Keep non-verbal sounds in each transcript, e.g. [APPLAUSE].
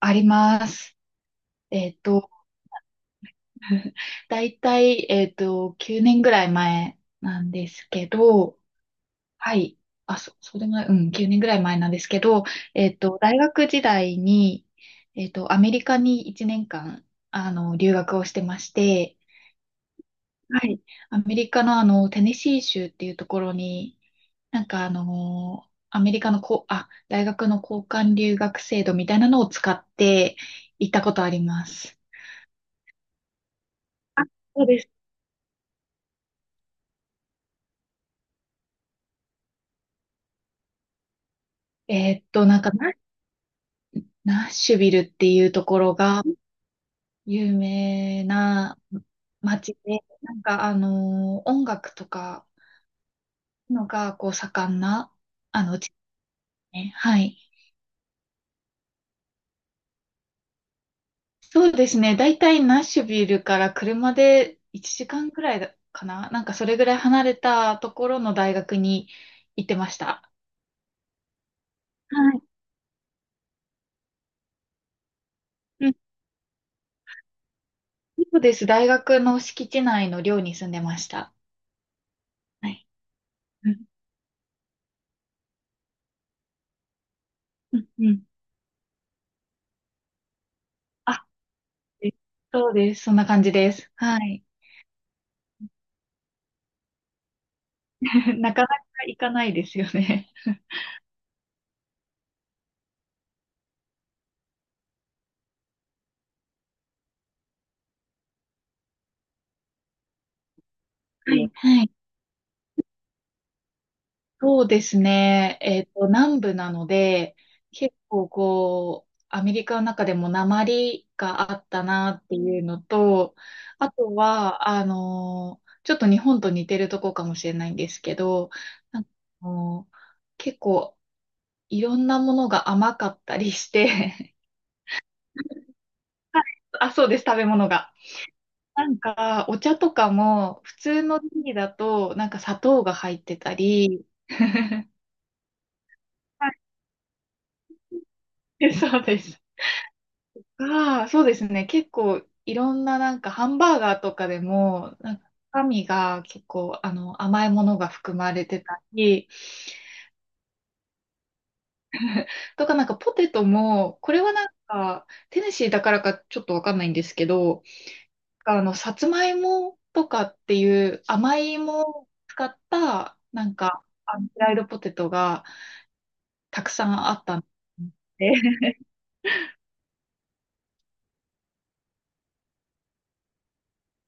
あります。えっと、[LAUGHS] だいたい、9年ぐらい前なんですけど、はい。そうでもない、うん、9年ぐらい前なんですけど、大学時代に、アメリカに1年間、留学をしてまして、はい。アメリカのテネシー州っていうところに、なんかアメリカのこう、大学の交換留学制度みたいなのを使って行ったことあります。あ、そうです。なんかナッシュビルっていうところが有名な街で、なんか音楽とかのがこう盛んな、地ね。はい。そうですね。だいたいナッシュビルから車で1時間くらいだかな。なんかそれぐらい離れたところの大学に行ってました。はい。うん。そうです。大学の敷地内の寮に住んでました。はい。うん。うん。うん。あ、えそうです。そんな感じです。はい。[LAUGHS] なかなか行かないですよね。はい。はい。そうですね。南部なので、結構こう、アメリカの中でも訛りがあったなっていうのと、あとは、ちょっと日本と似てるとこかもしれないんですけど、なんかあのー結構いろんなものが甘かったりして、[LAUGHS] はい。あ、そうです、食べ物が。なんか、お茶とかも、普通のティーだと、なんか砂糖が入ってたり、[LAUGHS] はい、そうです。が、そうですね。結構、いろんななんか、ハンバーガーとかでも、なんか、中身が結構、甘いものが含まれてたり、とかなんか、ポテトも、これはなんか、テネシーだからかちょっとわかんないんですけど、さつまいもとかっていう甘い芋を使った、なんか、フライドポテトが、たくさんあったんで、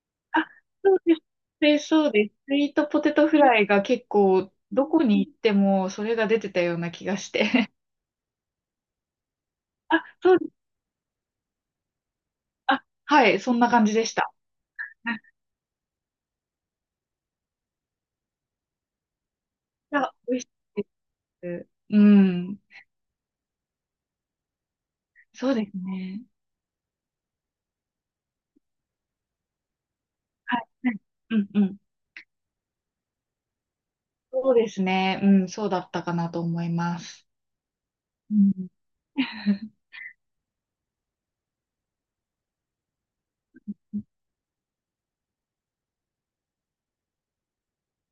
[LAUGHS] あ、そうです。で、そうです。スイートポテトフライが結構、どこに行ってもそれが出てたような気がして。[LAUGHS] あ、そうです。あ、はい、そんな感じでした。はい。あ、美味しいです。うん。そうですね。はい。はい。うん、うん。そうですね。うん、そうだったかなと思います。うん。[LAUGHS]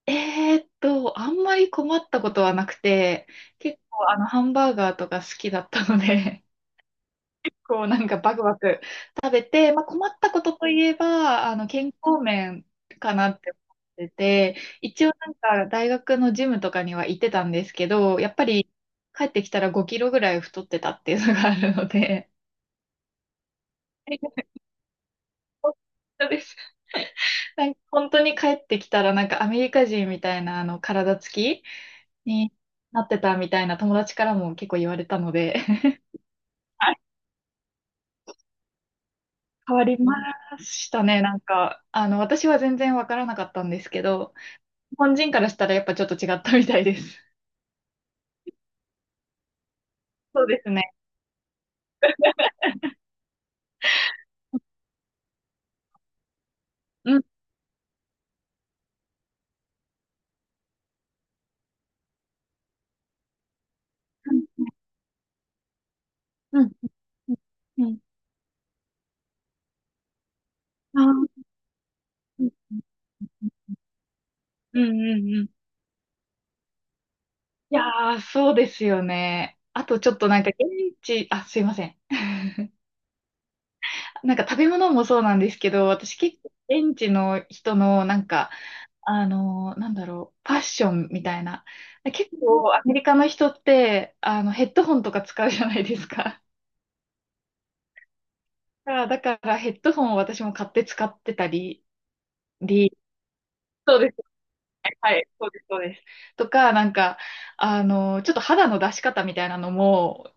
あんまり困ったことはなくて、結構ハンバーガーとか好きだったので、こうなんかバクバク食べて、まあ、困ったことといえば、健康面かなって思ってて、一応なんか大学のジムとかには行ってたんですけど、やっぱり帰ってきたら5キロぐらい太ってたっていうのがあるので、[LAUGHS] 本当です。[LAUGHS] なんか本当に帰ってきたらなんかアメリカ人みたいなあの体つきになってたみたいな友達からも結構言われたので。 [LAUGHS] 変わりましたね。なんか、私は全然わからなかったんですけど、日本人からしたらやっぱちょっと違ったみたいです。そうですね。うん、うん、うん、うん。ああー、うん、うん、うん。うん。いやー、そうですよね。あとちょっとなんかあ、すいません。なんか食べ物もそうなんですけど、私結構現地の人のなんか、なんだろう、ファッションみたいな。結構アメリカの人って、ヘッドホンとか使うじゃないですか。だから、ヘッドホンを私も買って使ってたり、り、はい、そうです、そうです。とか、なんか、ちょっと肌の出し方みたいなのも、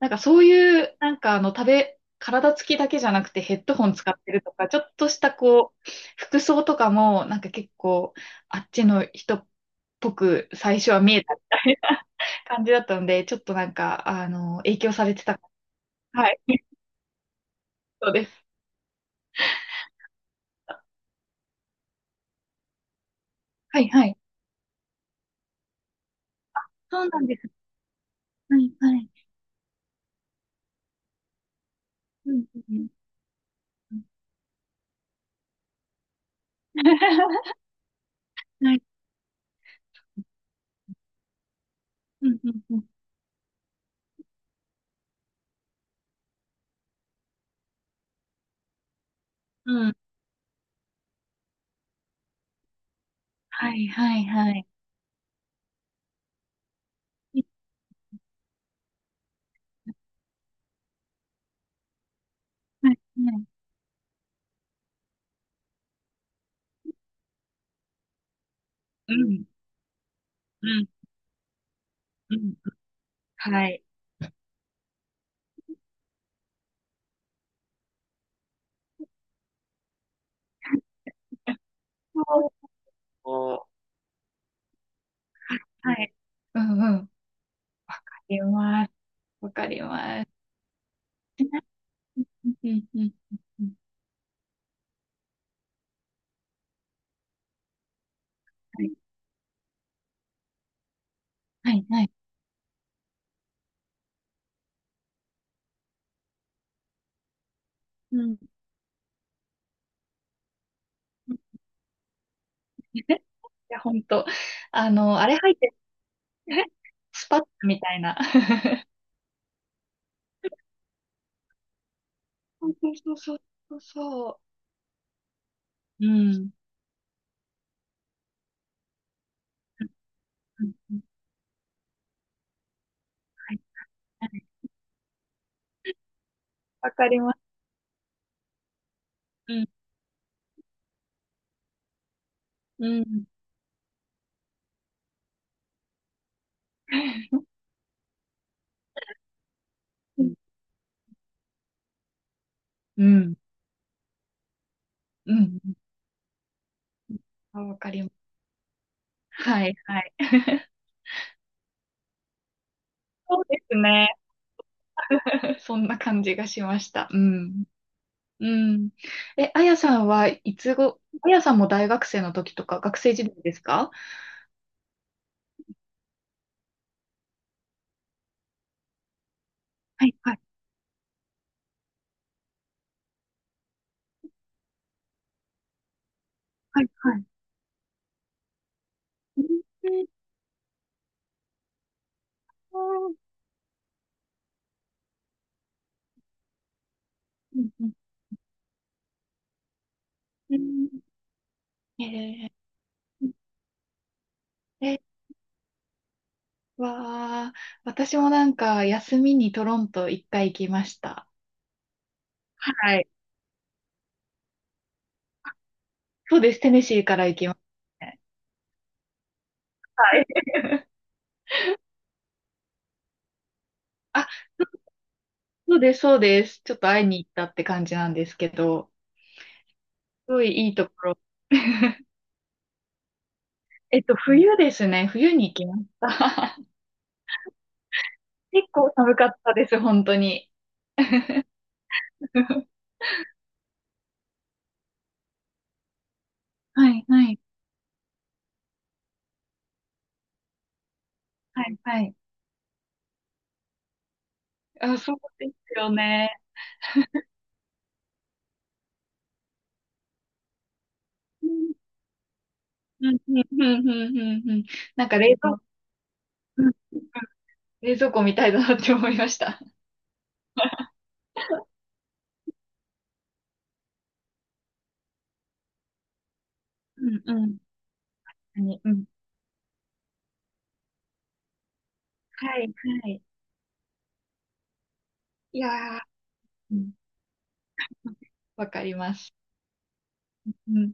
なんかそういう、なんか体つきだけじゃなくてヘッドホン使ってるとか、ちょっとしたこう、服装とかも、なんか結構、あっちの人っぽく最初は見えた感じだったので、ちょっとなんか、影響されてた。はい、[LAUGHS] そうです。はい、はい。そうなんです。はい、はい。うん、うん、うん。[LAUGHS] はい。うん、うん、うん。うん。はい、はい、はい。はい、はい。うん、うん、うん。はい。そう、はい。うん、うん。わかります。わかります。うん、うん、うん、うん。はい。はい、はい。うん。いや、ほんと。あれ入って、[LAUGHS] スパッみたいな。[LAUGHS] そう、そう、そう、そう、そう。うん。うん、うん、うん。はい、はい。わかります。うん。うん。うん。うん。うん。あ、わかります。はい、はい。[LAUGHS] そうですね。[LAUGHS] そんな感じがしました。うん。うん。え、あやさんはいつご、あやさんも大学生の時とか、学生時代ですか？はい、はい、はい、はい。うん、うん、うん、うん。ええ、わあ、私もなんか休みにトロント一回行きました。はい。そうです、テネシーから行きましたね。はい。[LAUGHS] あ、そうです、そうです。ちょっと会いに行ったって感じなんですけど、すごいいいところ。[LAUGHS] 冬ですね。冬に行きました。[LAUGHS] 結構寒かったです、本当に。[LAUGHS] はい、はい、はい、はい。あ、そうですよね。うん、うん、うん、うん、うん、うん。うん。なんかうん、冷蔵庫みたいだなって思いました。うん、うん。何、うん。はい、はい。いやー、うん、わかります。うん